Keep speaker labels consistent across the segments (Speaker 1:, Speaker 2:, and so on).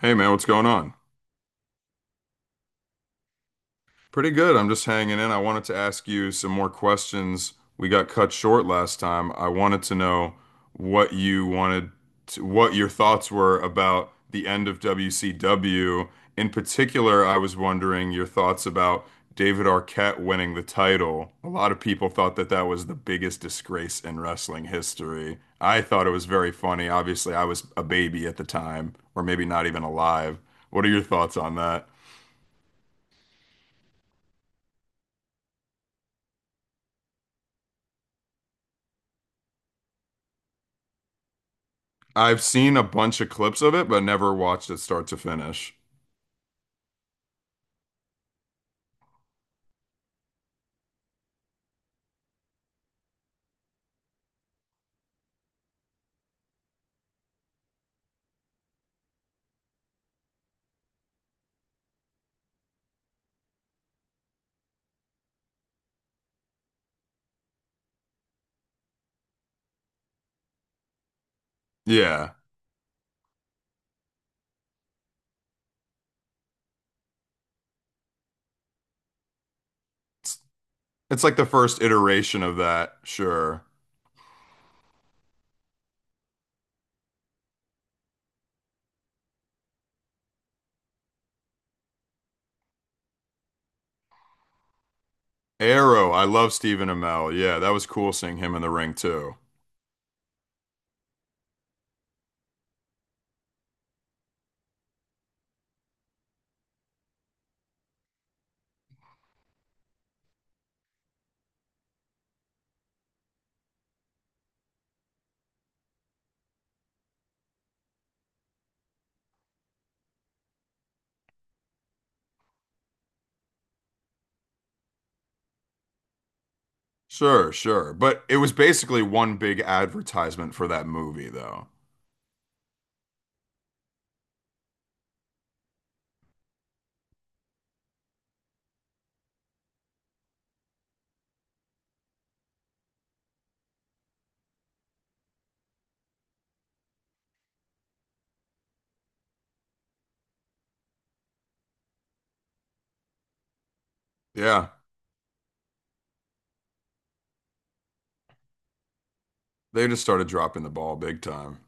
Speaker 1: Hey man, what's going on? Pretty good. I'm just hanging in. I wanted to ask you some more questions. We got cut short last time. I wanted to know what you wanted to, what your thoughts were about the end of WCW. In particular, I was wondering your thoughts about David Arquette winning the title. A lot of people thought that that was the biggest disgrace in wrestling history. I thought it was very funny. Obviously, I was a baby at the time, or maybe not even alive. What are your thoughts on that? I've seen a bunch of clips of it, but never watched it start to finish. Yeah. It's, it's like the first iteration of that, sure. Arrow, I love Stephen Amell. Yeah, that was cool seeing him in the ring too. Sure, sure. But it was basically one big advertisement for that movie, though. Yeah, they just started dropping the ball big time.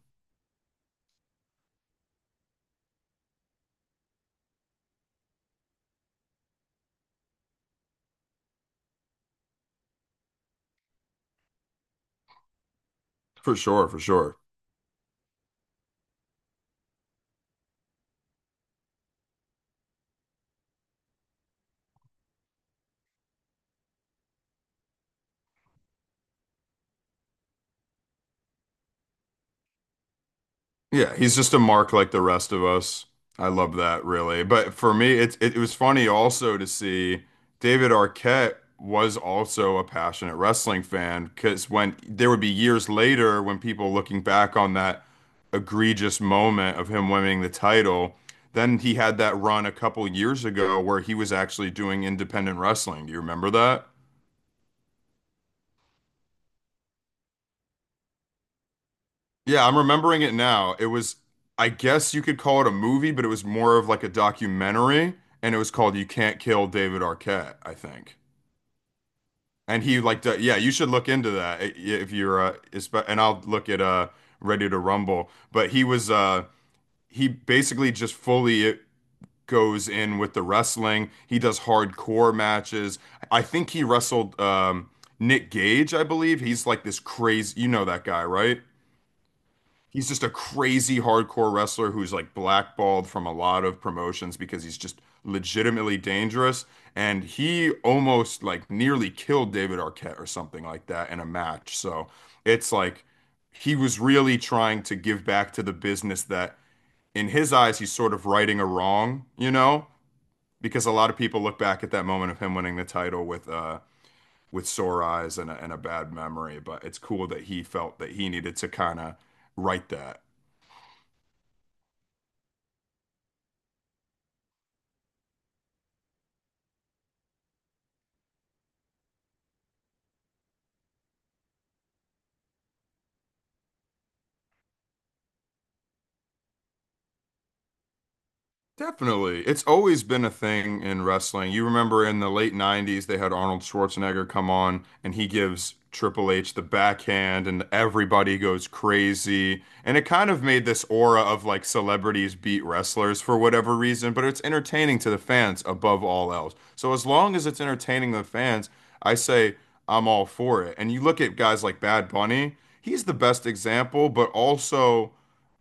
Speaker 1: For sure, for sure. Yeah, he's just a mark like the rest of us. I love that really. But for me, it was funny also to see David Arquette was also a passionate wrestling fan, because when there would be years later when people looking back on that egregious moment of him winning the title, then he had that run a couple years ago where he was actually doing independent wrestling. Do you remember that? Yeah, I'm remembering it now. It was, I guess you could call it a movie, but it was more of like a documentary, and it was called "You Can't Kill David Arquette," I think. And he like, yeah, you should look into that if you're, and I'll look at Ready to Rumble. But he was, he basically just fully it goes in with the wrestling. He does hardcore matches. I think he wrestled Nick Gage, I believe. He's like this crazy, you know that guy, right? He's just a crazy hardcore wrestler who's like blackballed from a lot of promotions because he's just legitimately dangerous. And he almost like nearly killed David Arquette or something like that in a match. So it's like he was really trying to give back to the business that in his eyes, he's sort of righting a wrong, you know, because a lot of people look back at that moment of him winning the title with sore eyes and a bad memory, but it's cool that he felt that he needed to kind of right that. Definitely. It's always been a thing in wrestling. You remember in the late 90s, they had Arnold Schwarzenegger come on and he gives Triple H the backhand and everybody goes crazy. And it kind of made this aura of like celebrities beat wrestlers for whatever reason, but it's entertaining to the fans above all else. So as long as it's entertaining the fans, I say I'm all for it. And you look at guys like Bad Bunny, he's the best example, but also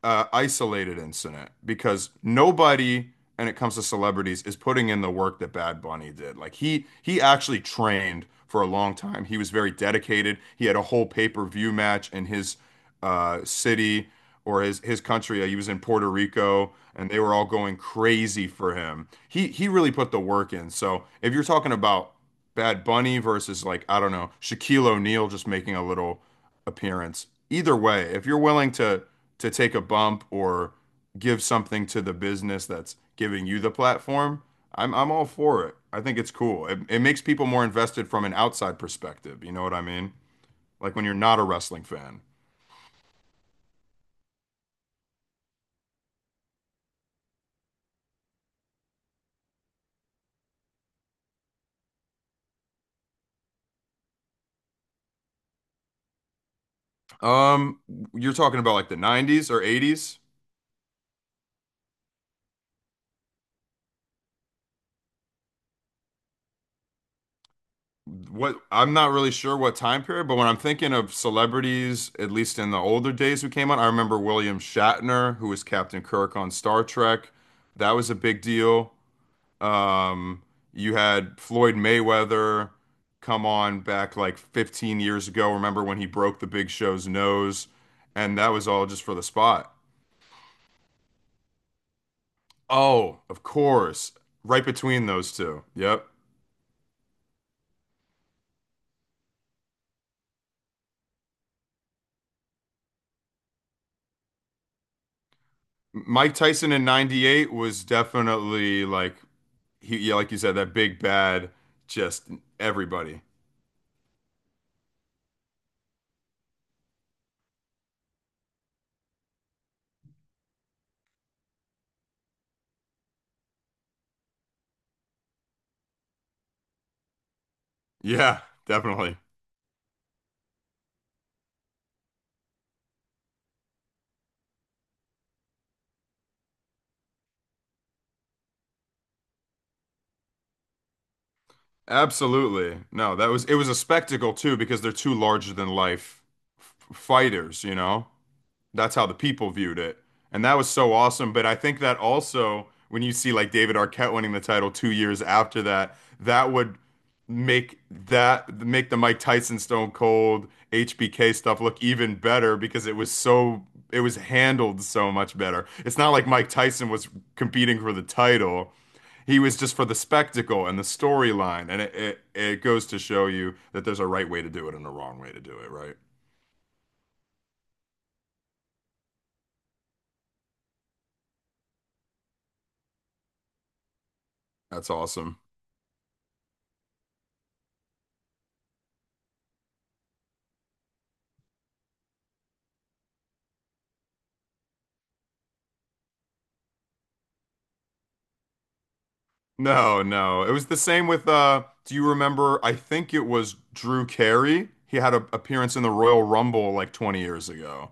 Speaker 1: isolated incident because nobody, when it comes to celebrities, is putting in the work that Bad Bunny did. Like he actually trained for a long time. He was very dedicated. He had a whole pay-per-view match in his city or his country. He was in Puerto Rico, and they were all going crazy for him. He really put the work in. So if you're talking about Bad Bunny versus like, I don't know, Shaquille O'Neal just making a little appearance. Either way, if you're willing to take a bump or give something to the business that's giving you the platform, I'm all for it. I think it's cool. It makes people more invested from an outside perspective. You know what I mean? Like when you're not a wrestling fan. Um, you're talking about like the 90s or 80s? What I'm not really sure what time period, but when I'm thinking of celebrities, at least in the older days who came on, I remember William Shatner, who was Captain Kirk on Star Trek. That was a big deal. Um, you had Floyd Mayweather come on back like 15 years ago. Remember when he broke the Big Show's nose? And that was all just for the spot. Oh, of course. Right between those two. Yep. Mike Tyson in 98 was definitely like he, yeah, like you said, that big bad, just everybody. Yeah, definitely. Absolutely. No, that was it was a spectacle too because they're two larger than life fighters, you know? That's how the people viewed it. And that was so awesome. But I think that also, when you see like David Arquette winning the title 2 years after that, that would make the Mike Tyson Stone Cold HBK stuff look even better because it was so it was handled so much better. It's not like Mike Tyson was competing for the title. He was just for the spectacle and the storyline. And it goes to show you that there's a right way to do it and a wrong way to do it, right? That's awesome. No, no. It was the same with do you remember I think it was Drew Carey. He had an appearance in the Royal Rumble like 20 years ago.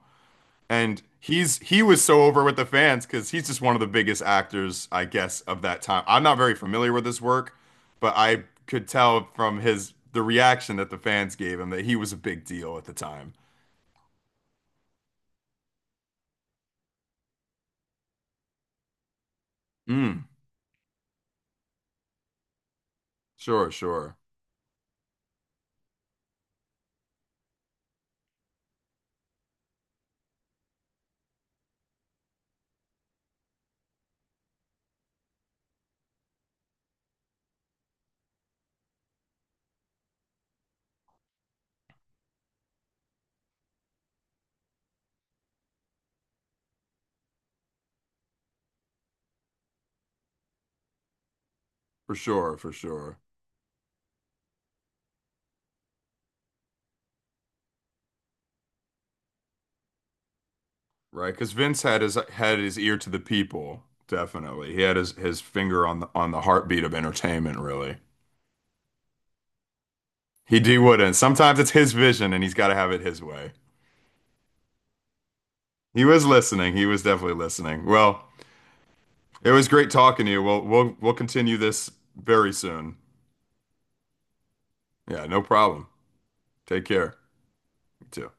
Speaker 1: And he was so over with the fans because he's just one of the biggest actors, I guess, of that time. I'm not very familiar with his work, but I could tell from his the reaction that the fans gave him that he was a big deal at the time. Mm, sure, sure. For sure, for sure. Right, because Vince had his ear to the people, definitely. He had his finger on the heartbeat of entertainment, really. He D wouldn't. Sometimes it's his vision and he's gotta have it his way. He was listening. He was definitely listening. Well, it was great talking to you. We'll continue this very soon. Yeah, no problem. Take care. You too.